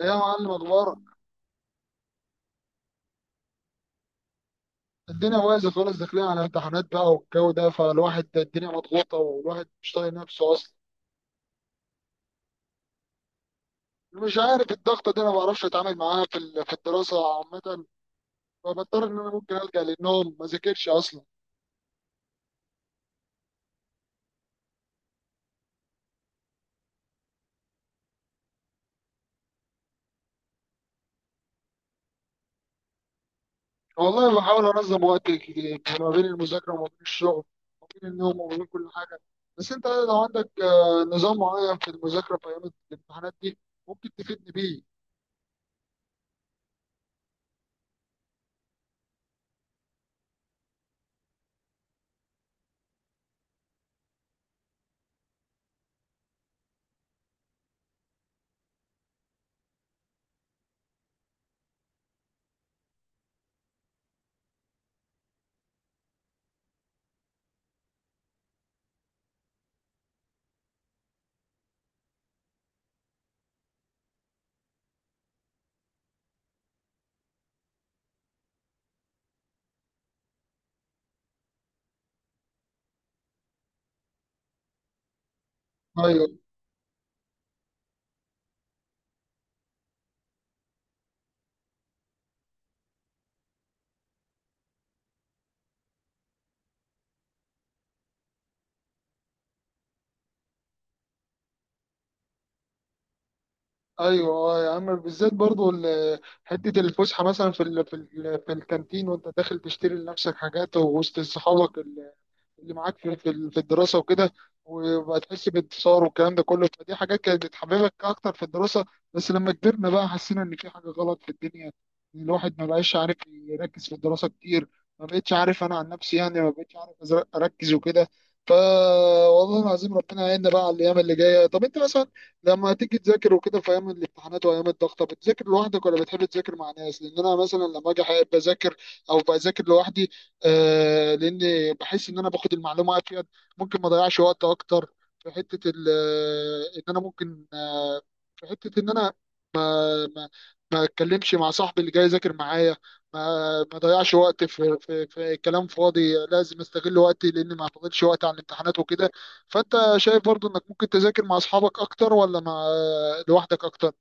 يا معلم، اخبارك؟ الدنيا بايظه خالص، داخلين على امتحانات بقى والجو ده، فالواحد الدنيا مضغوطه والواحد مش طايق نفسه اصلا. مش عارف الضغطه دي، انا ما بعرفش اتعامل معاها في الدراسه عامه، فبضطر ان انا ممكن الجا للنوم، ما ذاكرش اصلا. والله بحاول انظم وقتي كتير ما بين المذاكره وما بين الشغل وما بين النوم وما بين كل حاجه. بس انت لو عندك نظام معين في المذاكره في ايام الامتحانات دي، ممكن تفيدني بيه. ايوه، ايوه. يا عم، بالذات برضو حته الفسحه، مثلا في الكانتين وانت داخل تشتري لنفسك حاجات، ووسط صحابك اللي معاك في الدراسة وكده، وبقى تحس بانتصار والكلام ده كله، فدي حاجات كانت بتحببك أكتر في الدراسة. بس لما كبرنا بقى، حسينا إن في حاجة غلط في الدنيا، إن الواحد ما بقاش عارف يركز في الدراسة كتير. ما بقتش عارف، أنا عن نفسي يعني ما بقتش عارف أركز وكده فا والله العظيم، ربنا يعيننا بقى على الأيام اللي جاية. طب أنت مثلا لما تيجي تذاكر وكده في أيام الامتحانات وأيام الضغطة، بتذاكر لوحدك ولا بتحب تذاكر مع ناس؟ لأن أنا مثلا لما أجي أحب أذاكر، أو بذاكر لوحدي. لان بحس ان انا باخد المعلومه افيد، ممكن ما اضيعش وقت اكتر. في حته ال- آه، ان انا ممكن آه في حته ان انا آه، ما ما اتكلمش مع صاحبي اللي جاي يذاكر معايا، ما ما ضيعش وقت في كلام فاضي، لازم استغل وقتي لان ما فاضلش وقت على الامتحانات وكده. فانت شايف برضو انك ممكن تذاكر مع اصحابك اكتر، ولا مع لوحدك اكتر؟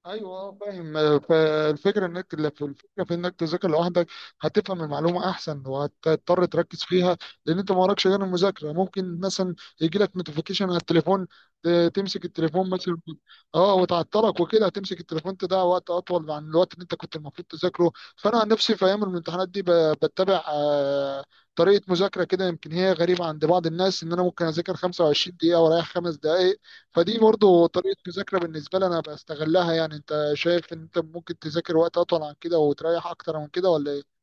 ايوه. فاهم. آه، فالفكره انك الفكره في انك تذاكر لوحدك هتفهم المعلومه احسن، وهتضطر تركز فيها. لان انت ما وراكش غير المذاكره، ممكن مثلا يجي لك نوتيفيكيشن على التليفون، تمسك التليفون مثلا. اه، وتعطلك وكده، هتمسك التليفون تضيع وقت اطول عن الوقت اللي انت كنت المفروض تذاكره. فانا عن نفسي في ايام الامتحانات دي بتبع طريقه مذاكره كده، يمكن هي غريبه عند بعض الناس، ان انا ممكن اذاكر 25 دقيقه واريح 5 دقائق. فدي برضو طريقة مذاكرة بالنسبة لي أنا بستغلها، يعني أنت شايف إن أنت ممكن تذاكر وقت أطول عن كده وتريح أكتر من كده، ولا إيه؟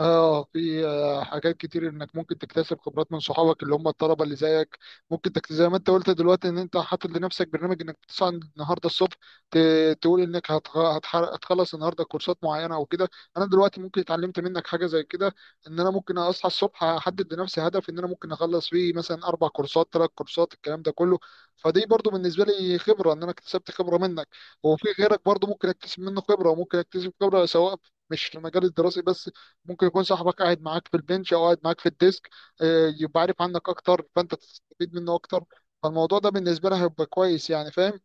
اه، في حاجات كتير انك ممكن تكتسب خبرات من صحابك اللي هم الطلبه اللي زيك. ممكن تكتسب زي ما انت قلت دلوقتي، ان انت حاطط لنفسك برنامج انك بتصحى النهارده الصبح، ت... تقول انك هتخلص النهارده كورسات معينه او كده. انا دلوقتي ممكن اتعلمت منك حاجه زي كده، ان انا ممكن اصحى الصبح احدد لنفسي هدف ان انا ممكن اخلص فيه مثلا 4 كورسات، 3 كورسات، الكلام ده كله. فدي برضو بالنسبه لي خبره، ان انا اكتسبت خبره منك. وفي غيرك برضو ممكن اكتسب منه خبره، وممكن اكتسب خبره سواء مش في المجال الدراسي بس. ممكن يكون صاحبك قاعد معاك في البنش، او قاعد معاك في الديسك، يبقى عارف عنك اكتر، فانت تستفيد منه اكتر. فالموضوع ده بالنسبه لها هيبقى كويس يعني، فاهم؟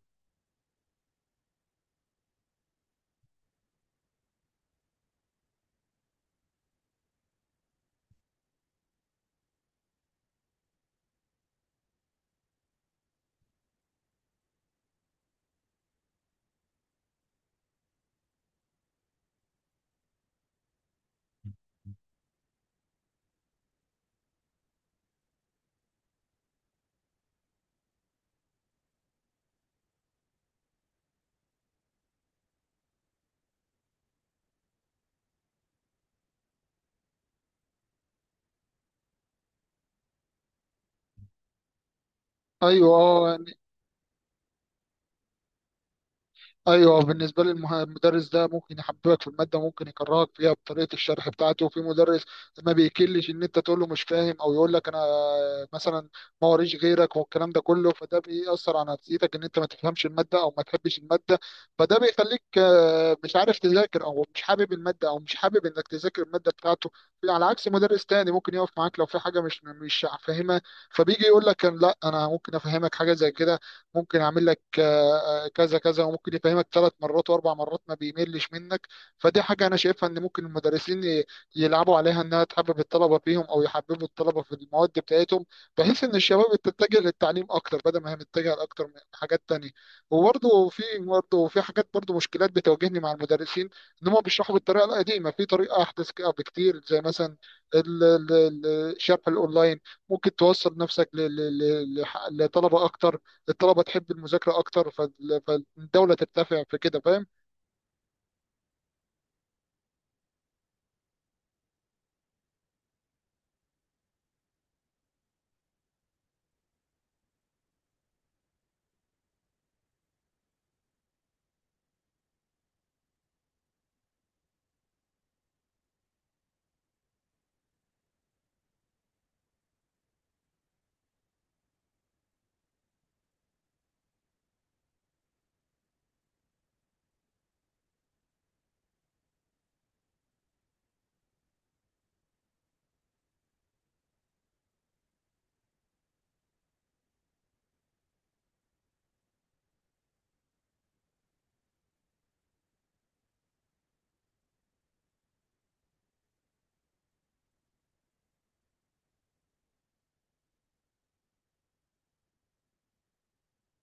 ايوه، اه، ايوه. بالنسبه لي المدرس ده ممكن يحببك في الماده، ممكن يكرهك فيها بطريقه الشرح بتاعته. وفي مدرس ما بيكلش ان انت تقول له مش فاهم، او يقول لك انا مثلا ما وريش غيرك والكلام ده كله، فده بيأثر على نفسيتك، ان انت ما تفهمش الماده او ما تحبش الماده. فده بيخليك مش عارف تذاكر، او مش حابب الماده، او مش حابب انك تذاكر الماده بتاعته. على عكس مدرس تاني ممكن يقف معاك لو في حاجه مش فاهمها، فبيجي يقول لك لا، انا ممكن افهمك حاجه زي كده، ممكن اعمل لك كذا كذا، وممكن يفهمك ثلاث مرات واربع مرات، ما بيملش منك. فدي حاجه انا شايفها، ان ممكن المدرسين يلعبوا عليها، انها تحبب الطلبه فيهم، او يحببوا الطلبه في المواد بتاعتهم، بحيث ان الشباب تتجه للتعليم اكتر، بدل ما هي متجهه لاكتر من حاجات تانية. وبرضه في برضه في حاجات برضه مشكلات بتواجهني مع المدرسين، ان هم بيشرحوا بالطريقه القديمه، في طريقه احدث كده بكتير، زي مثلا ال- ال- ال- الشرح الاونلاين، ممكن توصل نفسك لطلبه اكتر، الطلبه تحب المذاكره اكتر، فالدوله ترتفع في كده، فاهم؟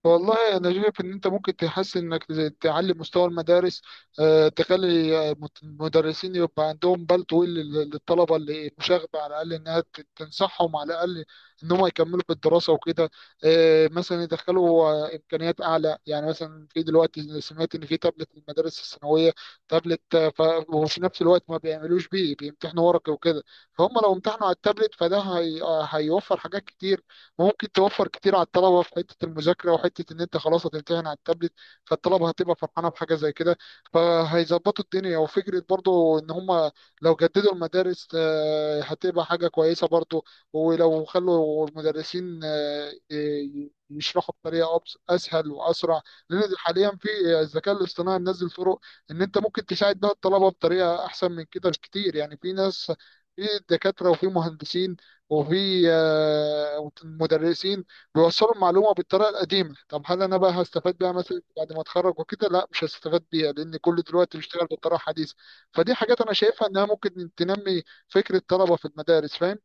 والله انا شايف ان انت ممكن تحسن، انك تعلي مستوى المدارس، تخلي المدرسين يبقى عندهم بال طويل للطلبه اللي مشاغبه، على الاقل انها تنصحهم، على الاقل ان هم يكملوا في الدراسه وكده. مثلا يدخلوا امكانيات اعلى يعني، مثلا في دلوقتي سمعت ان في تابلت في المدارس الثانويه، تابلت وفي نفس الوقت ما بيعملوش بيه، بيمتحنوا ورقي وكده. فهم لو امتحنوا على التابلت، فده هي... آه، هيوفر حاجات كتير، وممكن توفر كتير على الطلبه في حته المذاكره، وحته ان انت خلاص هتمتحن على التابلت، فالطلبه هتبقى فرحانه بحاجه زي كده، فهيظبطوا الدنيا. وفكره برضو ان هم لو جددوا المدارس، هتبقى حاجه كويسه برضو. ولو خلوا المدرسين يشرحوا بطريقه اسهل واسرع، لان حاليا في الذكاء الاصطناعي منزل طرق ان انت ممكن تساعد بها الطلبه بطريقه احسن من كده بكتير. يعني في ناس، في دكاتره، وفي مهندسين، وفي مدرسين بيوصلوا المعلومة بالطريقة القديمة. طب هل أنا بقى هستفاد بيها مثلا بعد ما أتخرج وكده؟ لا، مش هستفاد بيها، لأن كل دلوقتي بيشتغل بالطريقة الحديثة. فدي حاجات أنا شايفها إنها ممكن تنمي فكرة الطلبة في المدارس، فاهم؟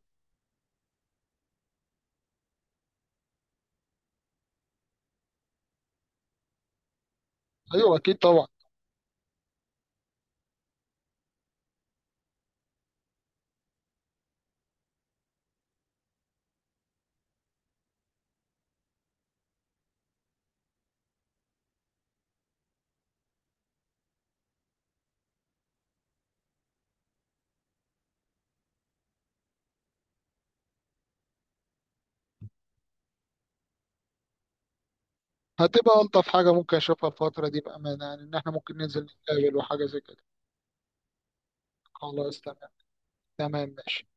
أيوه أكيد طبعا. هتبقى ألطف حاجة ممكن أشوفها الفترة دي بأمانة، يعني إن إحنا ممكن ننزل نتقابل وحاجة زي كده. خلاص، تمام. تمام، ماشي.